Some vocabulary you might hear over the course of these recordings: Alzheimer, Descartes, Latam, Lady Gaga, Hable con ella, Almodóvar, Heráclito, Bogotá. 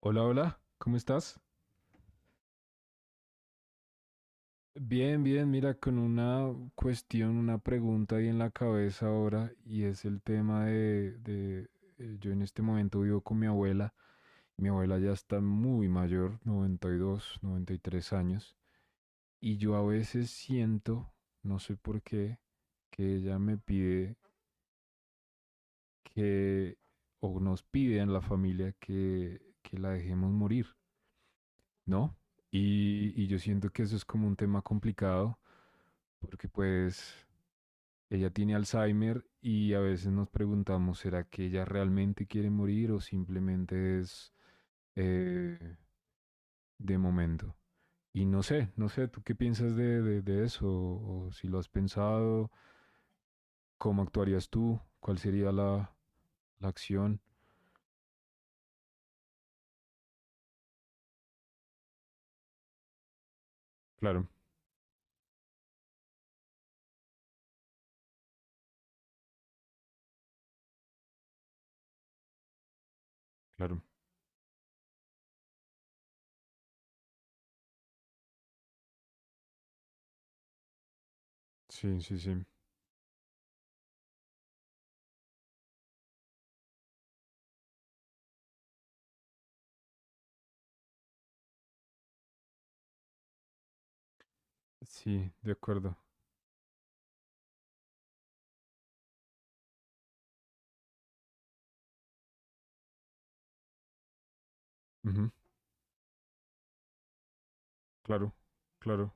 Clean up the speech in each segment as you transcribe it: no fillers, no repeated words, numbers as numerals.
Hola, hola, ¿cómo estás? Bien, bien, mira, con una cuestión, una pregunta ahí en la cabeza ahora, y es el tema de, yo en este momento vivo con mi abuela ya está muy mayor, 90, 92, 93 años, y yo a veces siento, no sé por qué, que ella me pide que, o nos pide en la familia que la dejemos morir, ¿no? Y yo siento que eso es como un tema complicado porque pues ella tiene Alzheimer y a veces nos preguntamos, ¿será que ella realmente quiere morir o simplemente es eh, de momento? Y no sé, no sé, ¿tú qué piensas de eso? O si lo has pensado, ¿cómo actuarías tú? ¿Cuál sería la, la acción? Claro, claro. Sí, sí, sí. Sí, de acuerdo. Ujú. Claro, claro.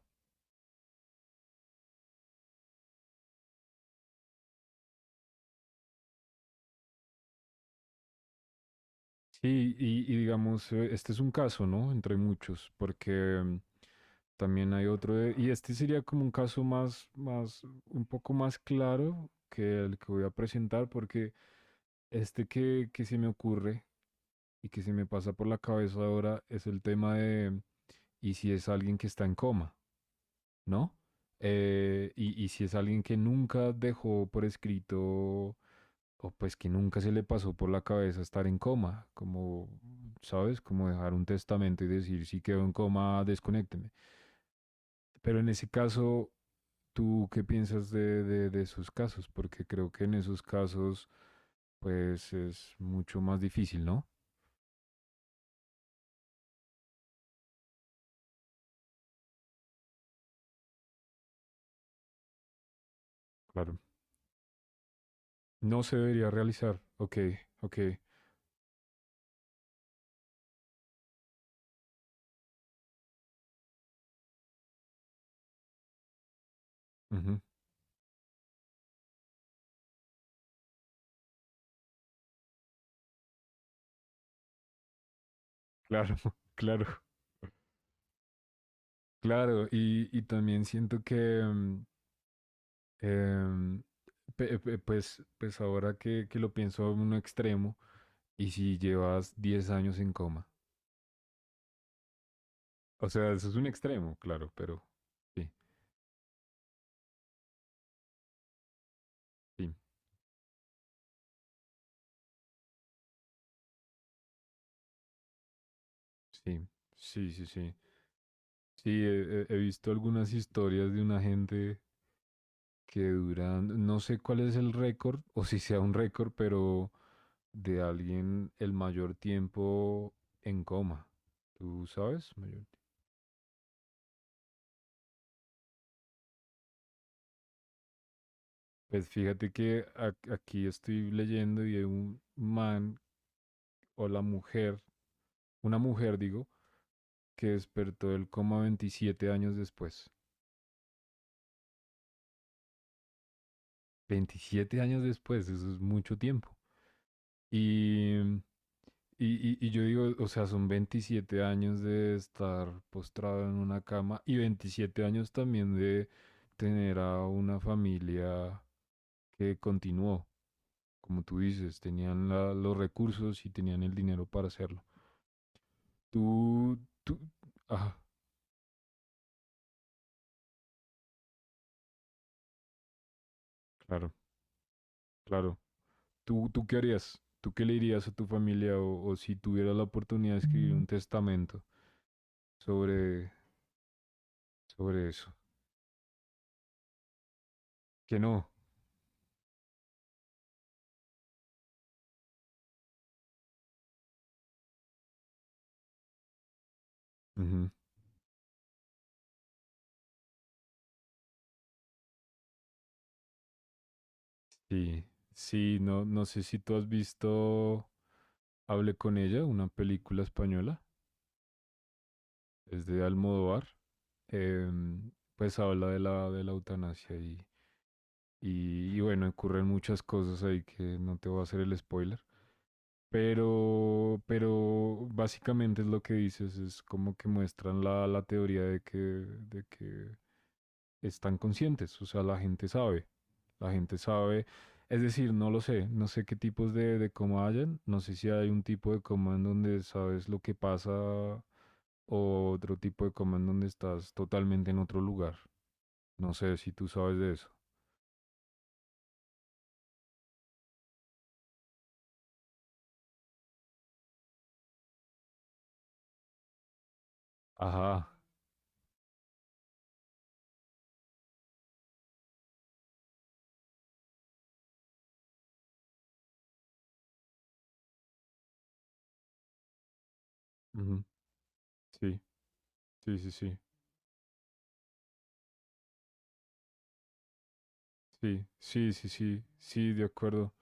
Sí, y digamos, este es un caso, ¿no? Entre muchos, porque mm, también hay otro, y este sería como un caso más, más, un poco más claro que el que voy a presentar, porque este que se me ocurre y que se me pasa por la cabeza ahora es el tema de, ¿y si es alguien que está en coma, ¿no? Y si es alguien que nunca dejó por escrito o pues que nunca se le pasó por la cabeza estar en coma, como, ¿sabes? Como dejar un testamento y decir, si quedo en coma, desconécteme. Pero en ese caso, ¿tú qué piensas de esos casos? Porque creo que en esos casos, pues es mucho más difícil, ¿no? Claro. No se debería realizar. Ok, ok. Ujú. Claro, claro, claro. Y también siento que, mm, em, pues, ahora que lo pienso en un extremo, ¿y si llevas 10 años en coma? O sea, eso es un extremo, claro, pero sí, sí, sí, sí, sí, sí. Sí, he visto algunas historias de una gente que duran, no sé cuál es el récord, o si sea un récord, pero de alguien el mayor tiempo en coma. ¿Tú sabes? Mayor... Pues fíjate que aquí estoy leyendo y hay un man o la mujer, una mujer digo, que despertó del coma 27 años después. 27 años después, eso es mucho tiempo. Y, mm, y yo digo, o sea, son 27 años de estar postrado en una cama y 27 años también de tener a una familia que continuó, como tú dices, tenían los recursos y tenían el dinero para hacerlo. Tú, tú, ah, claro, claro. ¿Tú qué harías? ¿Tú qué le dirías a tu familia o si tuvieras la oportunidad de escribir un testamento sobre, sobre eso? Que no. Ujú. Sí, sí, no, no sé si tú has visto Hable con ella, una película española, es de Almodóvar. Em, pues habla de la eutanasia y bueno, ocurren muchas cosas ahí que no te voy a hacer el spoiler. Pero básicamente es lo que dices, es como que muestran la, la teoría de que están conscientes, o sea, la gente sabe, es decir, no lo sé, no sé qué tipos de coma hayan, no sé si hay un tipo de coma en donde sabes lo que pasa o otro tipo de coma en donde estás totalmente en otro lugar, no sé si tú sabes de eso. Ajá. Ujú. Sí, sí, sí, sí, sí, sí, sí, sí, sí, de acuerdo.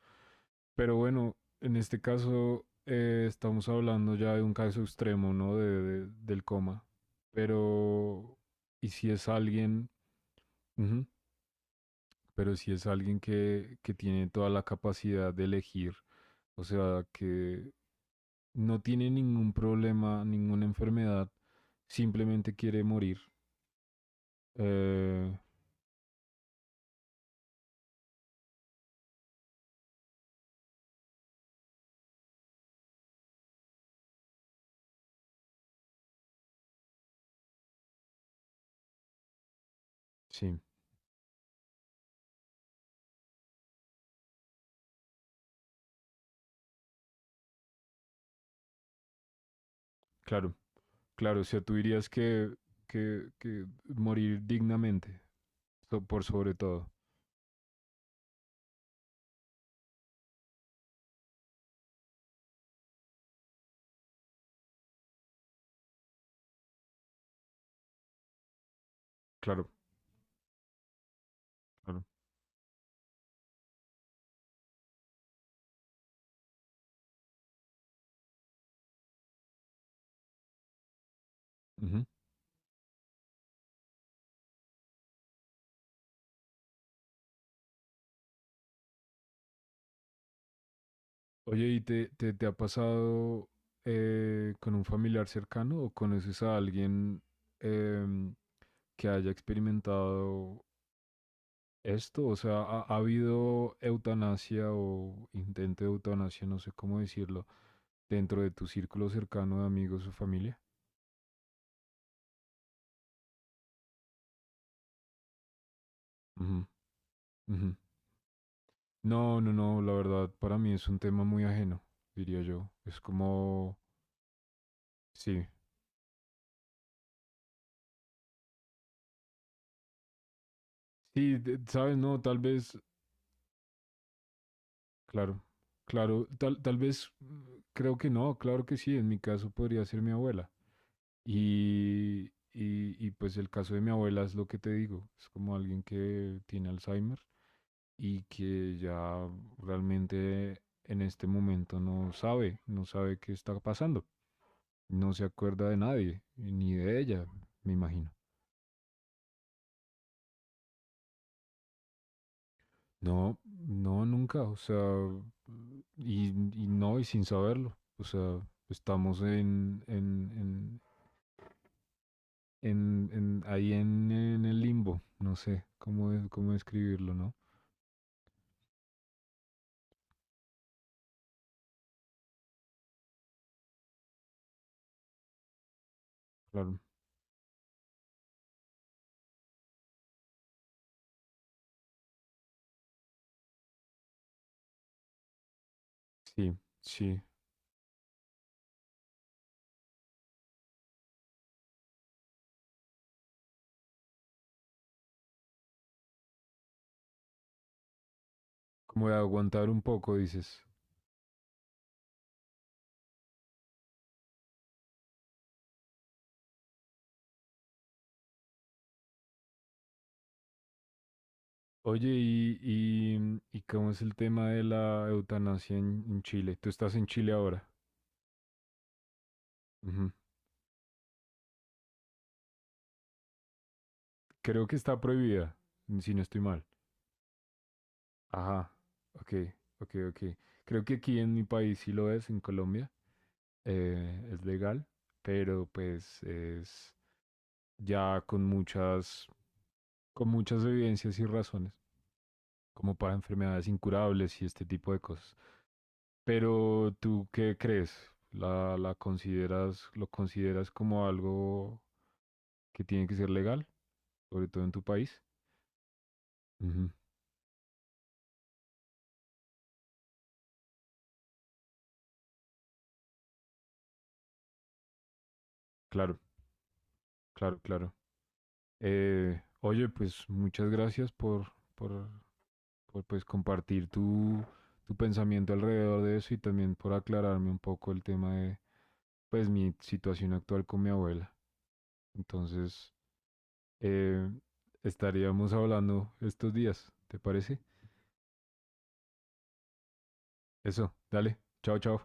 Pero bueno, en este caso estamos hablando ya de un caso extremo, ¿no? De, del coma. Pero, ¿y si es alguien, ujú, pero si es alguien que tiene toda la capacidad de elegir, o sea, que no tiene ningún problema, ninguna enfermedad, simplemente quiere morir? Eh, sí, claro. Claro, o sea, tú dirías que morir dignamente, por sobre todo. Claro, claro. Ujú. Oye, ¿y te ha pasado con un familiar cercano o conoces a alguien em, que haya experimentado esto? O sea, ¿ha, ha habido eutanasia o intento de eutanasia, no sé cómo decirlo, dentro de tu círculo cercano de amigos o familia? Ujú, ujú. No, no, no, la verdad para mí es un tema muy ajeno, diría yo. Es como, sí, sí, sabes, no, tal vez, claro, claro, tal vez, mm, creo que no, claro que sí, en mi caso podría ser mi abuela. Y pues el caso de mi abuela es lo que te digo, es como alguien que tiene Alzheimer y que ya realmente en este momento no sabe, no sabe qué está pasando, no se acuerda de nadie, ni de ella, me imagino. No, no, nunca, o sea, y no, y sin saberlo, o sea, estamos ahí en el limbo, no sé cómo, cómo describirlo, ¿no? Claro, sí, sí, como de aguantar un poco, dices. Oye, y cómo es el tema de la eutanasia en Chile? Tú estás en Chile ahora. Ujú. Creo que está prohibida, si no estoy mal. Ajá, ok, ok, ok. Creo que aquí en mi país sí lo es, en Colombia, es legal, pero pues es ya con muchas evidencias y razones, como para enfermedades incurables y este tipo de cosas. Pero ¿tú qué crees? ¿La, la consideras, lo consideras como algo que tiene que ser legal, sobre todo en tu país? Ujú. Claro, claro, claro. Oye, pues muchas gracias por pues compartir tu, tu pensamiento alrededor de eso y también por aclararme un poco el tema de pues mi situación actual con mi abuela. Entonces, eh, estaríamos hablando estos días, ¿te parece? Eso, dale, chao, chao.